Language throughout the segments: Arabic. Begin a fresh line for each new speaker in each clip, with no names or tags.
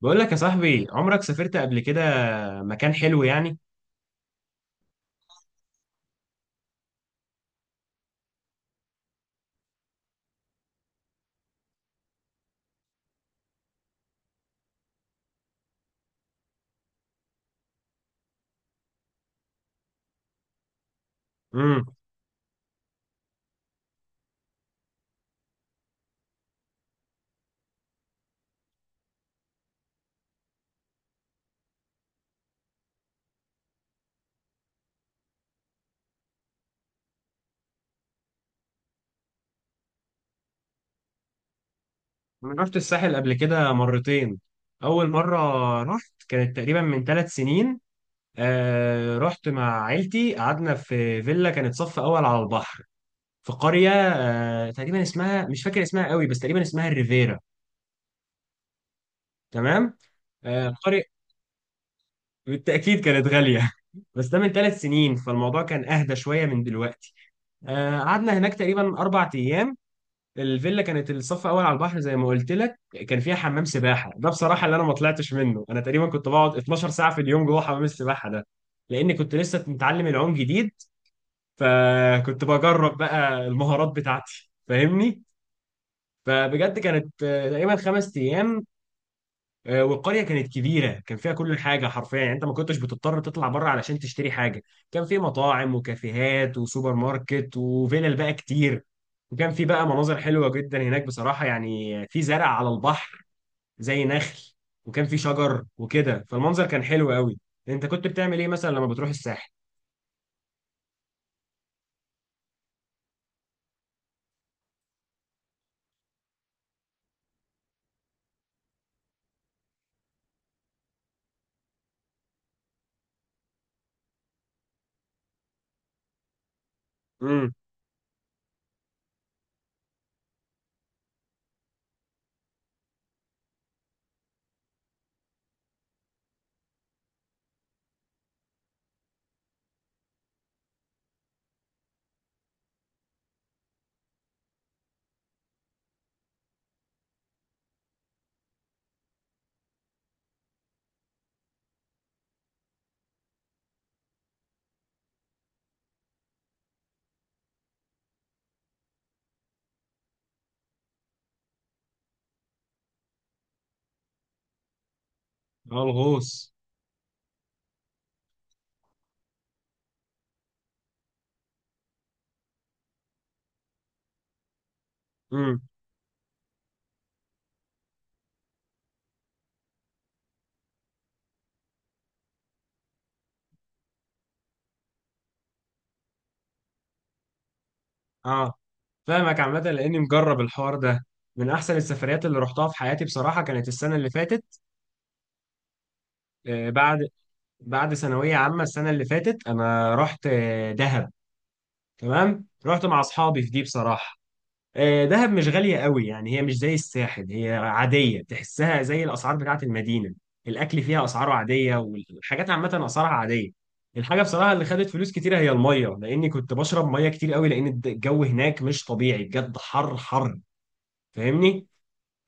بقول لك يا صاحبي، عمرك سافرت قبل كده؟ مكان حلو يعني. امم. انا رحت الساحل قبل كده مرتين. اول مره رحت كانت تقريبا من 3 سنين. آه، رحت مع عيلتي، قعدنا في فيلا كانت صف اول على البحر في قريه. آه، تقريبا اسمها، مش فاكر اسمها قوي، بس تقريبا اسمها الريفيرا. تمام. آه، قريه. بالتاكيد كانت غاليه. بس ده من 3 سنين فالموضوع كان اهدى شويه من دلوقتي. آه، قعدنا هناك تقريبا 4 ايام. الفيلا كانت الصف اول على البحر زي ما قلت لك. كان فيها حمام سباحه، ده بصراحه اللي انا ما طلعتش منه. انا تقريبا كنت بقعد 12 ساعه في اليوم جوه حمام السباحه ده لاني كنت لسه متعلم العوم جديد. فكنت بجرب بقى المهارات بتاعتي. فاهمني؟ فبجد كانت تقريبا 5 ايام. والقريه كانت كبيره، كان فيها كل حاجه حرفيا، يعني انت ما كنتش بتضطر تطلع بره علشان تشتري حاجه. كان في مطاعم وكافيهات وسوبر ماركت وفيلل بقى كتير. وكان في بقى مناظر حلوه جدا هناك بصراحه، يعني في زرع على البحر زي نخل، وكان في شجر وكده فالمنظر كان حلو قوي. انت كنت بتعمل ايه مثلا لما بتروح الساحل؟ امم. اه، الغوص. امم. اه، فاهمك عامه لاني مجرب الحوار ده. من احسن السفريات اللي رحتها في حياتي بصراحه كانت السنه اللي فاتت. بعد ثانوية عامة السنة اللي فاتت أنا رحت دهب. تمام. رحت مع أصحابي في دي بصراحة. دهب مش غالية قوي، يعني هي مش زي الساحل، هي عادية تحسها زي الأسعار بتاعة المدينة. الأكل فيها أسعاره عادية، والحاجات عامة أسعارها عادية. الحاجة بصراحة اللي خدت فلوس كتيرة هي المية، لأني كنت بشرب مية كتير قوي، لأن الجو هناك مش طبيعي بجد، حر حر. فاهمني؟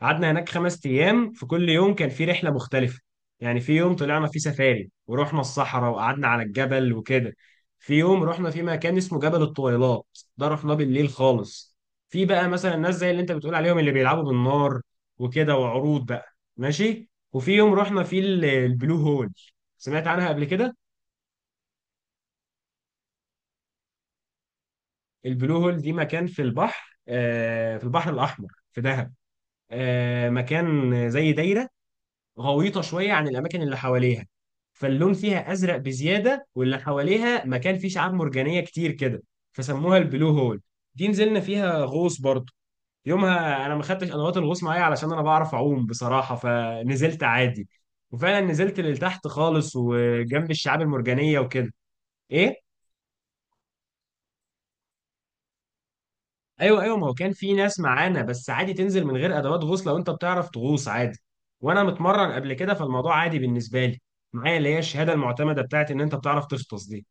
قعدنا هناك 5 ايام، في كل يوم كان في رحله مختلفه. يعني في يوم طلعنا فيه سفاري ورحنا الصحراء وقعدنا على الجبل وكده. في يوم رحنا في مكان اسمه جبل الطويلات، ده رحناه بالليل خالص. في بقى مثلا الناس زي اللي انت بتقول عليهم، اللي بيلعبوا بالنار وكده، وعروض بقى. ماشي. وفي يوم رحنا فيه البلو هول. سمعت عنها قبل كده؟ البلو هول دي مكان في البحر، في البحر الاحمر في دهب. مكان زي دايره، غويطة شوية عن الأماكن اللي حواليها، فاللون فيها أزرق بزيادة واللي حواليها مكان فيه شعاب مرجانية كتير كده، فسموها البلو هول. دي نزلنا فيها غوص برضه. يومها أنا ما خدتش أدوات الغوص معايا علشان أنا بعرف أعوم بصراحة فنزلت عادي. وفعلا نزلت لتحت خالص وجنب الشعاب المرجانية وكده. إيه؟ ايوه، ايوه، ما هو كان في ناس معانا، بس عادي تنزل من غير ادوات غوص لو انت بتعرف تغوص عادي. وانا متمرن قبل كده فالموضوع عادي بالنسبه لي. معايا اللي هي الشهاده المعتمده بتاعت ان انت بتعرف تغطس دي.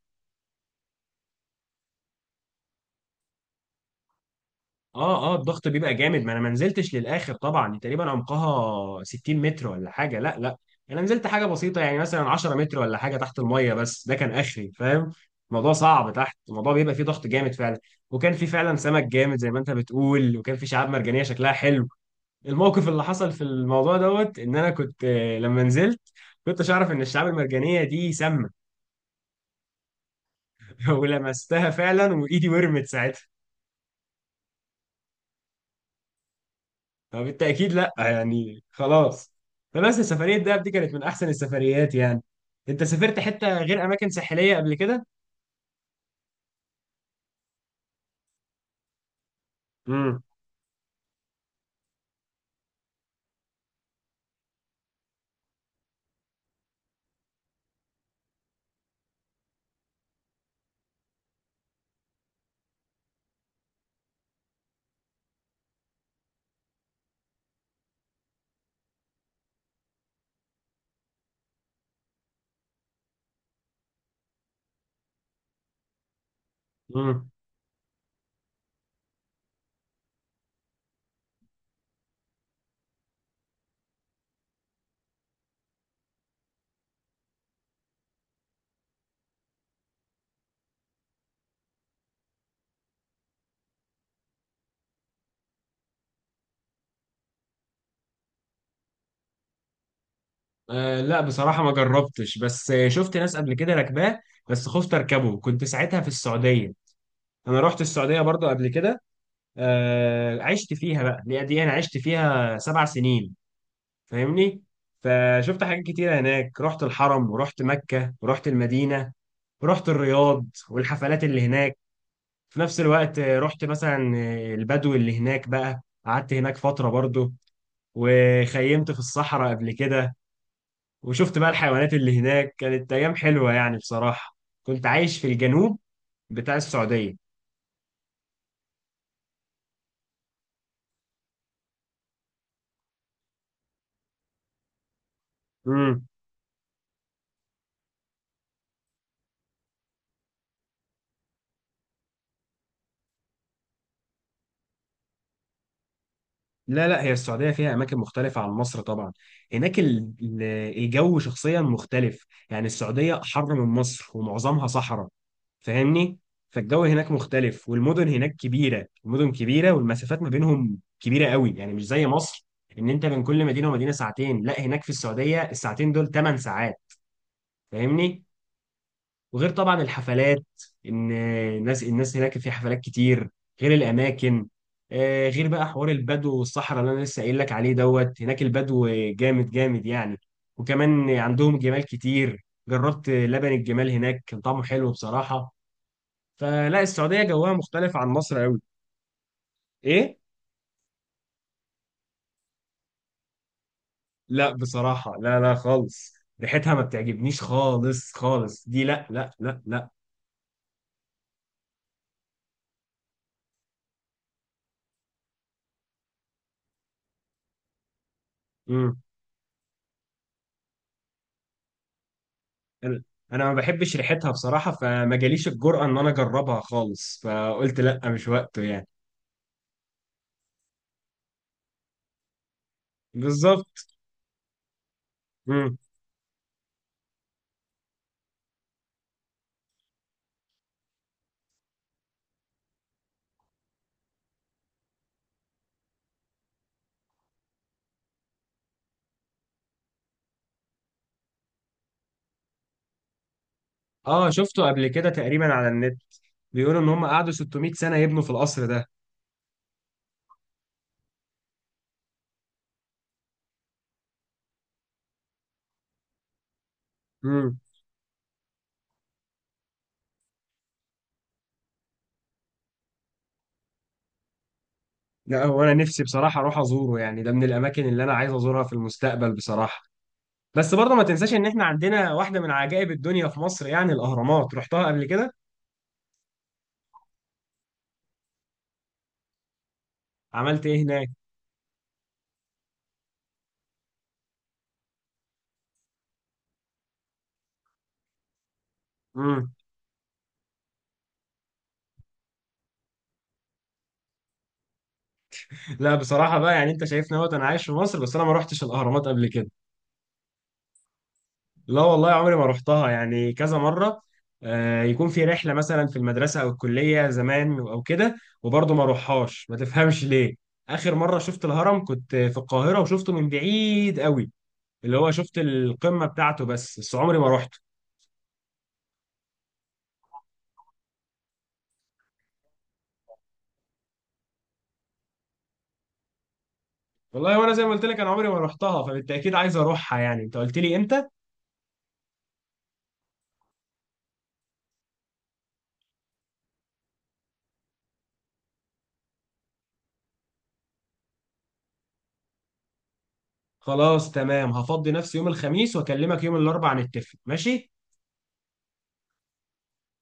اه، اه، الضغط بيبقى جامد، ما انا ما نزلتش للاخر طبعا، تقريبا عمقها 60 متر ولا حاجه، لا لا. انا نزلت حاجه بسيطه يعني مثلا 10 متر ولا حاجه تحت الميه، بس ده كان اخري. فاهم؟ الموضوع صعب تحت، الموضوع بيبقى فيه ضغط جامد فعلا. وكان في فعلا سمك جامد زي ما انت بتقول، وكان في شعاب مرجانيه شكلها حلو. الموقف اللي حصل في الموضوع دوت، ان انا كنت، لما نزلت كنتش اعرف ان الشعاب المرجانيه دي سامه. ولمستها فعلا وايدي ورمت ساعتها. فبالتاكيد لا، يعني خلاص. فبس سفريه دهب دي كانت من احسن السفريات يعني. انت سافرت حته غير اماكن ساحليه قبل كده؟ امم، امم. آه، لا بصراحه ما جربتش، بس شفت ناس قبل كده راكباه. بس خفت اركبه، كنت ساعتها في السعوديه. انا رحت السعوديه برضو قبل كده. عشت فيها بقى، اللي هي دي انا عشت فيها 7 سنين. فاهمني؟ فشفت حاجات كتيرة هناك، رحت الحرم ورحت مكة ورحت المدينة ورحت الرياض والحفلات اللي هناك. في نفس الوقت رحت مثلا البدو اللي هناك، بقى قعدت هناك فترة برضو. وخيمت في الصحراء قبل كده، وشفت بقى الحيوانات اللي هناك، كانت أيام حلوة يعني بصراحة. كنت عايش في الجنوب بتاع السعودية. لا لا، هي السعودية فيها أماكن مختلفة عن مصر طبعا. هناك الجو شخصيا مختلف، يعني السعودية حر من مصر ومعظمها صحراء. فاهمني؟ فالجو هناك مختلف، والمدن هناك كبيرة، المدن كبيرة والمسافات ما بينهم كبيرة قوي يعني، مش زي مصر إن أنت بين كل مدينة ومدينة ساعتين. لا، هناك في السعودية الساعتين دول 8 ساعات. فاهمني؟ وغير طبعا الحفلات، ان الناس هناك في حفلات كتير. غير الاماكن. غير بقى حوار البدو والصحراء اللي انا لسه قايل لك عليه دوت، هناك البدو جامد جامد يعني. وكمان عندهم جمال كتير، جربت لبن الجمال هناك كان طعمه حلو بصراحة. فلا السعودية جوها مختلف عن مصر قوي. ايه؟ لا بصراحة، لا لا خالص. ريحتها ما بتعجبنيش خالص خالص دي، لا لا لا لا. مم. انا انا ما بحبش ريحتها بصراحه، فما جاليش الجرأه ان انا اجربها خالص. فقلت لا، مش وقته يعني. بالظبط. امم. اه، شفته قبل كده تقريبا على النت. بيقولوا ان هم قعدوا 600 سنه يبنوا في القصر ده. امم. لا هو انا نفسي بصراحه اروح ازوره، يعني ده من الاماكن اللي انا عايز ازورها في المستقبل بصراحه. بس برضه ما تنساش ان احنا عندنا واحده من عجائب الدنيا في مصر، يعني الاهرامات رحتها قبل كده. عملت ايه هناك؟ امم. لا بصراحه بقى، يعني انت شايفني اهوت انا عايش في مصر بس انا ما رحتش الاهرامات قبل كده. لا والله عمري ما رحتها، يعني كذا مرة يكون في رحلة مثلا في المدرسة أو الكلية زمان أو كده، وبرضه ما روحهاش ما تفهمش ليه. آخر مرة شفت الهرم كنت في القاهرة وشفته من بعيد قوي، اللي هو شفت القمة بتاعته، بس عمري ما روحته. والله، وأنا زي ما قلت لك أنا عمري ما روحتها فبالتأكيد عايز أروحها. يعني أنت قلت لي إمتى؟ خلاص تمام، هفضي نفسي يوم الخميس وأكلمك يوم الأربعاء نتفق. ماشي؟